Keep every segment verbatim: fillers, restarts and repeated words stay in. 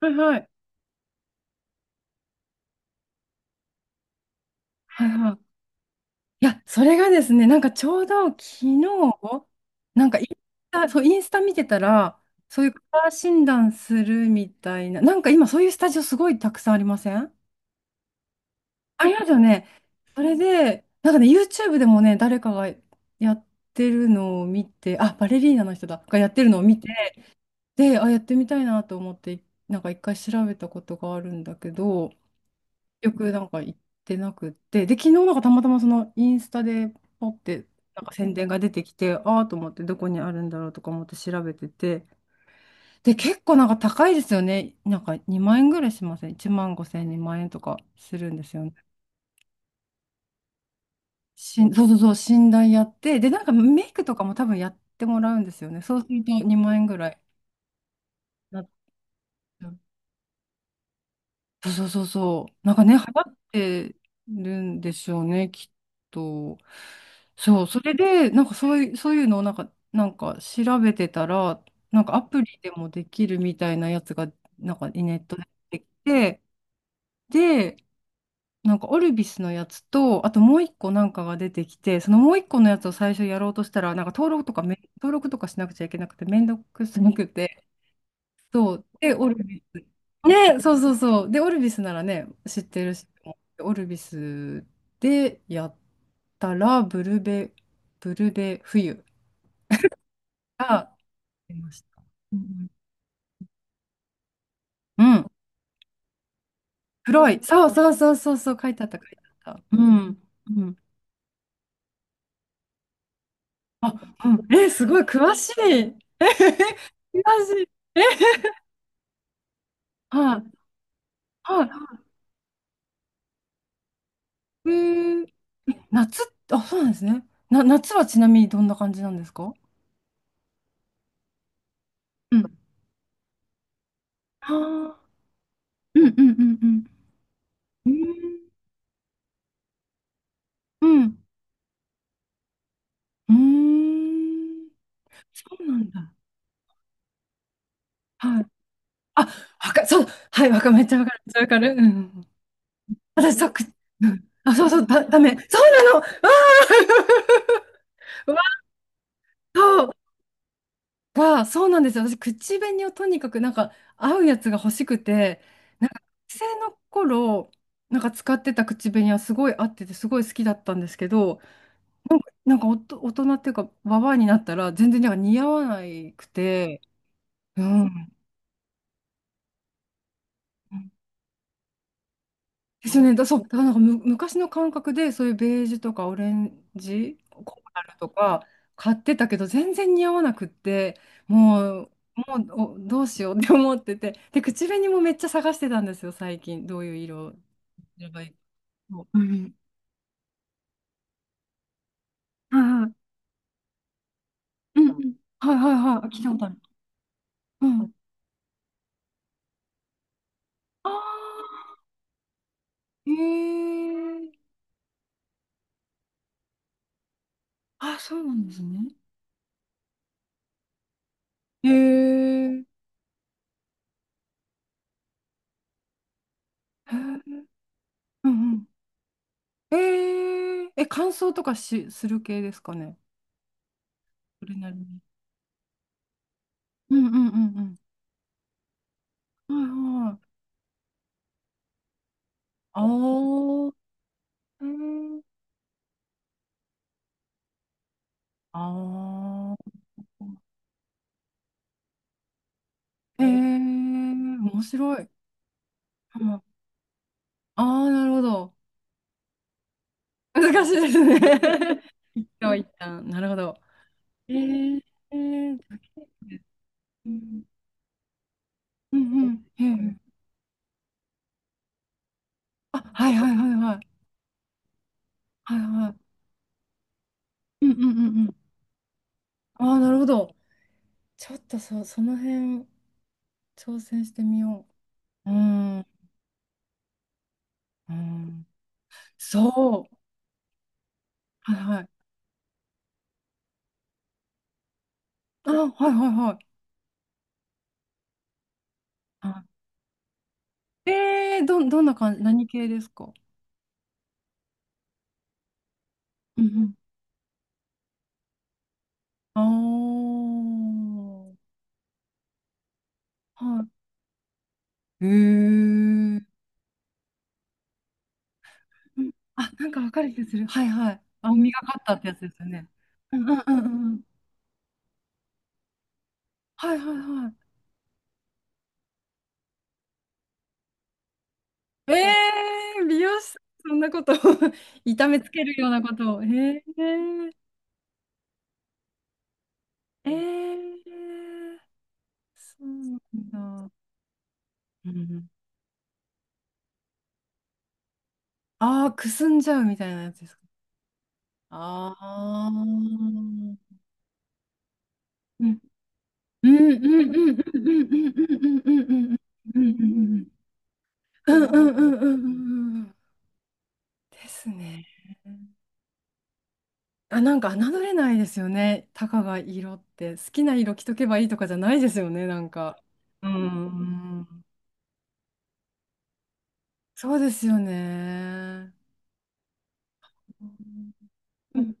はいはい。はいはい。いや、それがですね、なんかちょうど昨日、なんかインスタ、そう、インスタ見てたら、そういうカラー診断するみたいな、なんか今そういうスタジオすごいたくさんありません？ありますよね。それで、なんかね、YouTube でもね、誰かがやってるのを見て、あ、バレリーナの人だ、がやってるのを見て、で、あ、やってみたいなと思って、なんか一回調べたことがあるんだけど、結局なんか行ってなくって、で、昨日なんかたまたまそのインスタでポって、なんか宣伝が出てきて、ああーと思ってどこにあるんだろうとか思って調べてて、で、結構なんか高いですよね。なんかにまん円ぐらいしません？いちまんごせん、にまん円とかするんですよね。しん、そうそうそう、診断やって、で、なんかメイクとかも多分やってもらうんですよね。そうするとにまん円ぐらいになっちゃう。そうそうそうそう。なんかね、流行ってるんでしょうね、きっと。そう、それで、なんかそういう、そういうのをなんか、なんか調べてたら、なんかアプリでもできるみたいなやつが、なんかネットで出てきて、で、なんかオルビスのやつと、あともう一個なんかが出てきて、そのもう一個のやつを最初やろうとしたら、なんか登録とかめ、登録とかしなくちゃいけなくて、めんどくさくて、そう。で、オルビス。ね、そうそうそう。で、オルビスならね、知ってるし、オルビスでやったら、ブルベ、ブルベ冬が出ました。うんうん。黒い。そうそうそうそう、そう書いてあった、書いてあった。うん。うん。あ、うん。え、すごい、詳しい。え、詳しい。え、はい、はい。えー、夏、あ、そうなんですね。な、夏はちなみにどんな感じなんですか？うん。あー、うんうんうんうん。うん。うん。うーん、そうなんだ。はい。あ、わか、そう、はい、わか、めっちゃわかる。めっちゃわかる。うん。私、そう、く、うん。あ、そうそう、だ、ダメ。そうなの。わー わー、そう、わー、そうなんですよ。私、口紅をとにかく、なんか、合うやつが欲しくて、なんか、学生の頃、なんか使ってた口紅はすごい合ってて、すごい好きだったんですけど、なんかおと、大人っていうか、ババアになったら、全然なんか似合わなくて、うん。ですよね。だ、そう、だからなんかむ、昔の感覚で、そういうベージュとかオレンジ、コーラルとか買ってたけど、全然似合わなくって、もう、もうおどうしようって思ってて、で、口紅もめっちゃ探してたんですよ、最近。どういう色をすればいいの？うん。はいはい。うんうん。はいはいはい。聞いたことある。うん。ああ、へえ。あ、そうなんですね。へえ。へー、うんうん、えー、え、乾燥とかし、する系ですかね？それなりに。うんうんうんうん。はいはい。あー、えー、あー、えー、面白い。うん、ああー、なるほど。難しいですね。一旦一旦。なるほど。えー、えー、うんうんうん。へー、あ、はいはいはいはい。はいはい。うんうんうんうん。ああ、なるほど。ちょっとそ、その辺、挑戦してみよう。うん、うん、そう。はいはい。あ、はいはいはい。あ、えー、どん、どんな感じ、何系ですか？うんうん。ああ、はい。えー。うん、あ、なんかわかる気がする。はいはい。青みがかったってやつですよね。うんうんうんうん。はいはいはい。えー、美容師さん、そんなこと 痛めつけるようなことを。えー、えー、そうなんだ。うんうん、ああ、くすんじゃうみたいなやつですか？ああー。うんうんうんうんうんうんうんうんうんうんうんうんうんうんうんうんうんうんうんうんんですね。あ、なんか侮れないですよね。たかが色って。好きな色着とけばいいとかじゃないですよね、なんか。うん。そうですよね。うん、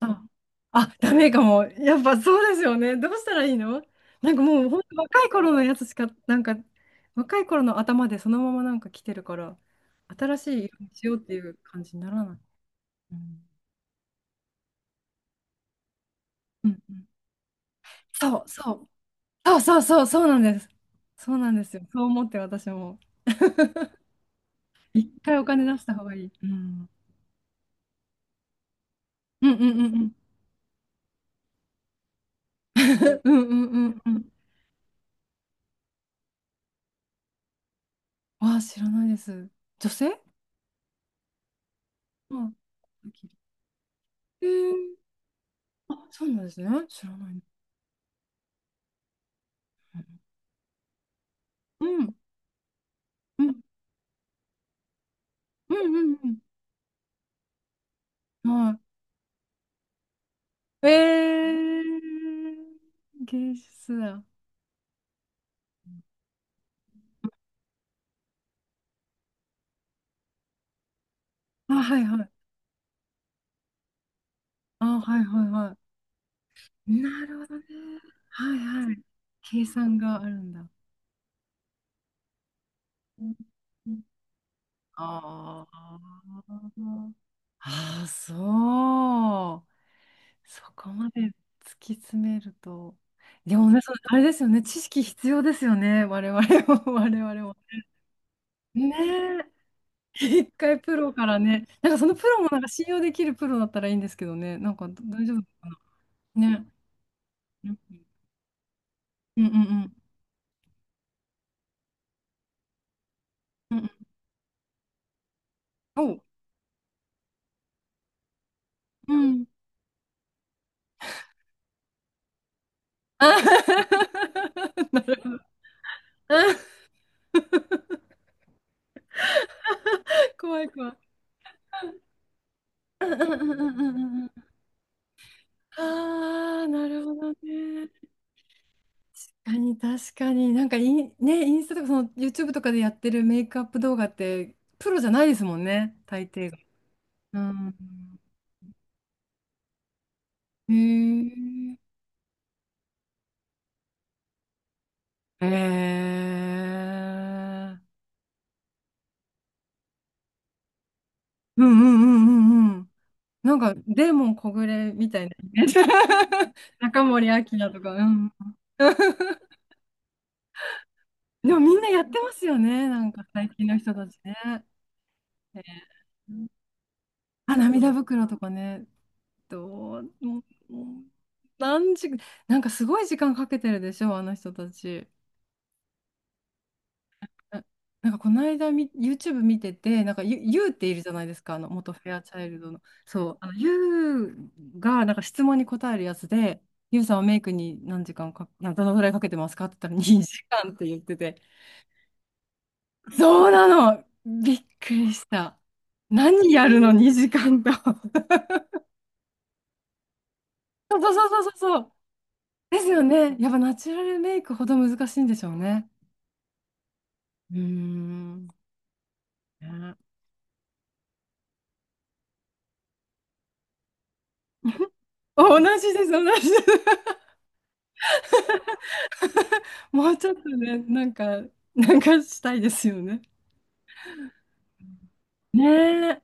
あ、あ、ダメかも。やっぱそうですよね。どうしたらいいの？なんかもう本当若い頃のやつしか、なんか若い頃の頭でそのままなんか来てるから、新しい色にしようっていう感じにならない。うん、うんうん。そうそう。そうそうそう、そうなんです。そうなんですよ。そう思って私も。一回お金出した方がいい。うん。うんうんうんうん。うんうんうんうん。ああ、知らないです。女性。うん。えー、あ、そうなんですね。知らない。うん、うん、うん、うん、うん、はい。えー、芸術だ。あ、はいはい。あ、はいはいはい。なるほどね。はいはい。計算があるんだ。うんうん、あー、あー、そう。そこまで突き詰めると。でもね、それあれですよね。知識必要ですよね。我々も、我々も。ねえ。 一回プロからね、なんかそのプロもなんか信用できるプロだったらいいんですけどね、なんか大丈夫かな。ね。うんうんうんうん。うんうん。おう。うん。あ なるほど。あ 怖い怖い。うんうんうんうんうんうん。ああ、なるほどね。確かに確かに。なんかイン、ね、インスタとかその YouTube とかでやってるメイクアップ動画ってプロじゃないですもんね、大抵が。うん。へえ。へえ。うんうんうんうんうん。なんか、デーモン小暮みたいなイメージ。中森明菜とか。うん。でもみんなやってますよね。なんか最近の人たちね。えー、あ、涙袋とかね。どう、もうもう、何時、なんかすごい時間かけてるでしょ、あの人たち。ななんかこの間み YouTube 見てて、なんかユ、ユーっているじゃないですか、あの元フェアチャイルドの。そう、あのユーがなんか質問に答えるやつで、ユーさんはメイクに何時間か、などのぐらいかけてますかって言ったらにじかんって言ってて、そうなの、びっくりした。何やるの、にじかんと。そうそうそうそうそう。ですよね。やっぱナチュラルメイクほど難しいんでしょうね。うーん。ね。 同じです、同じです。もうちょっとね、なんか、なんかしたいですよね。ねえ。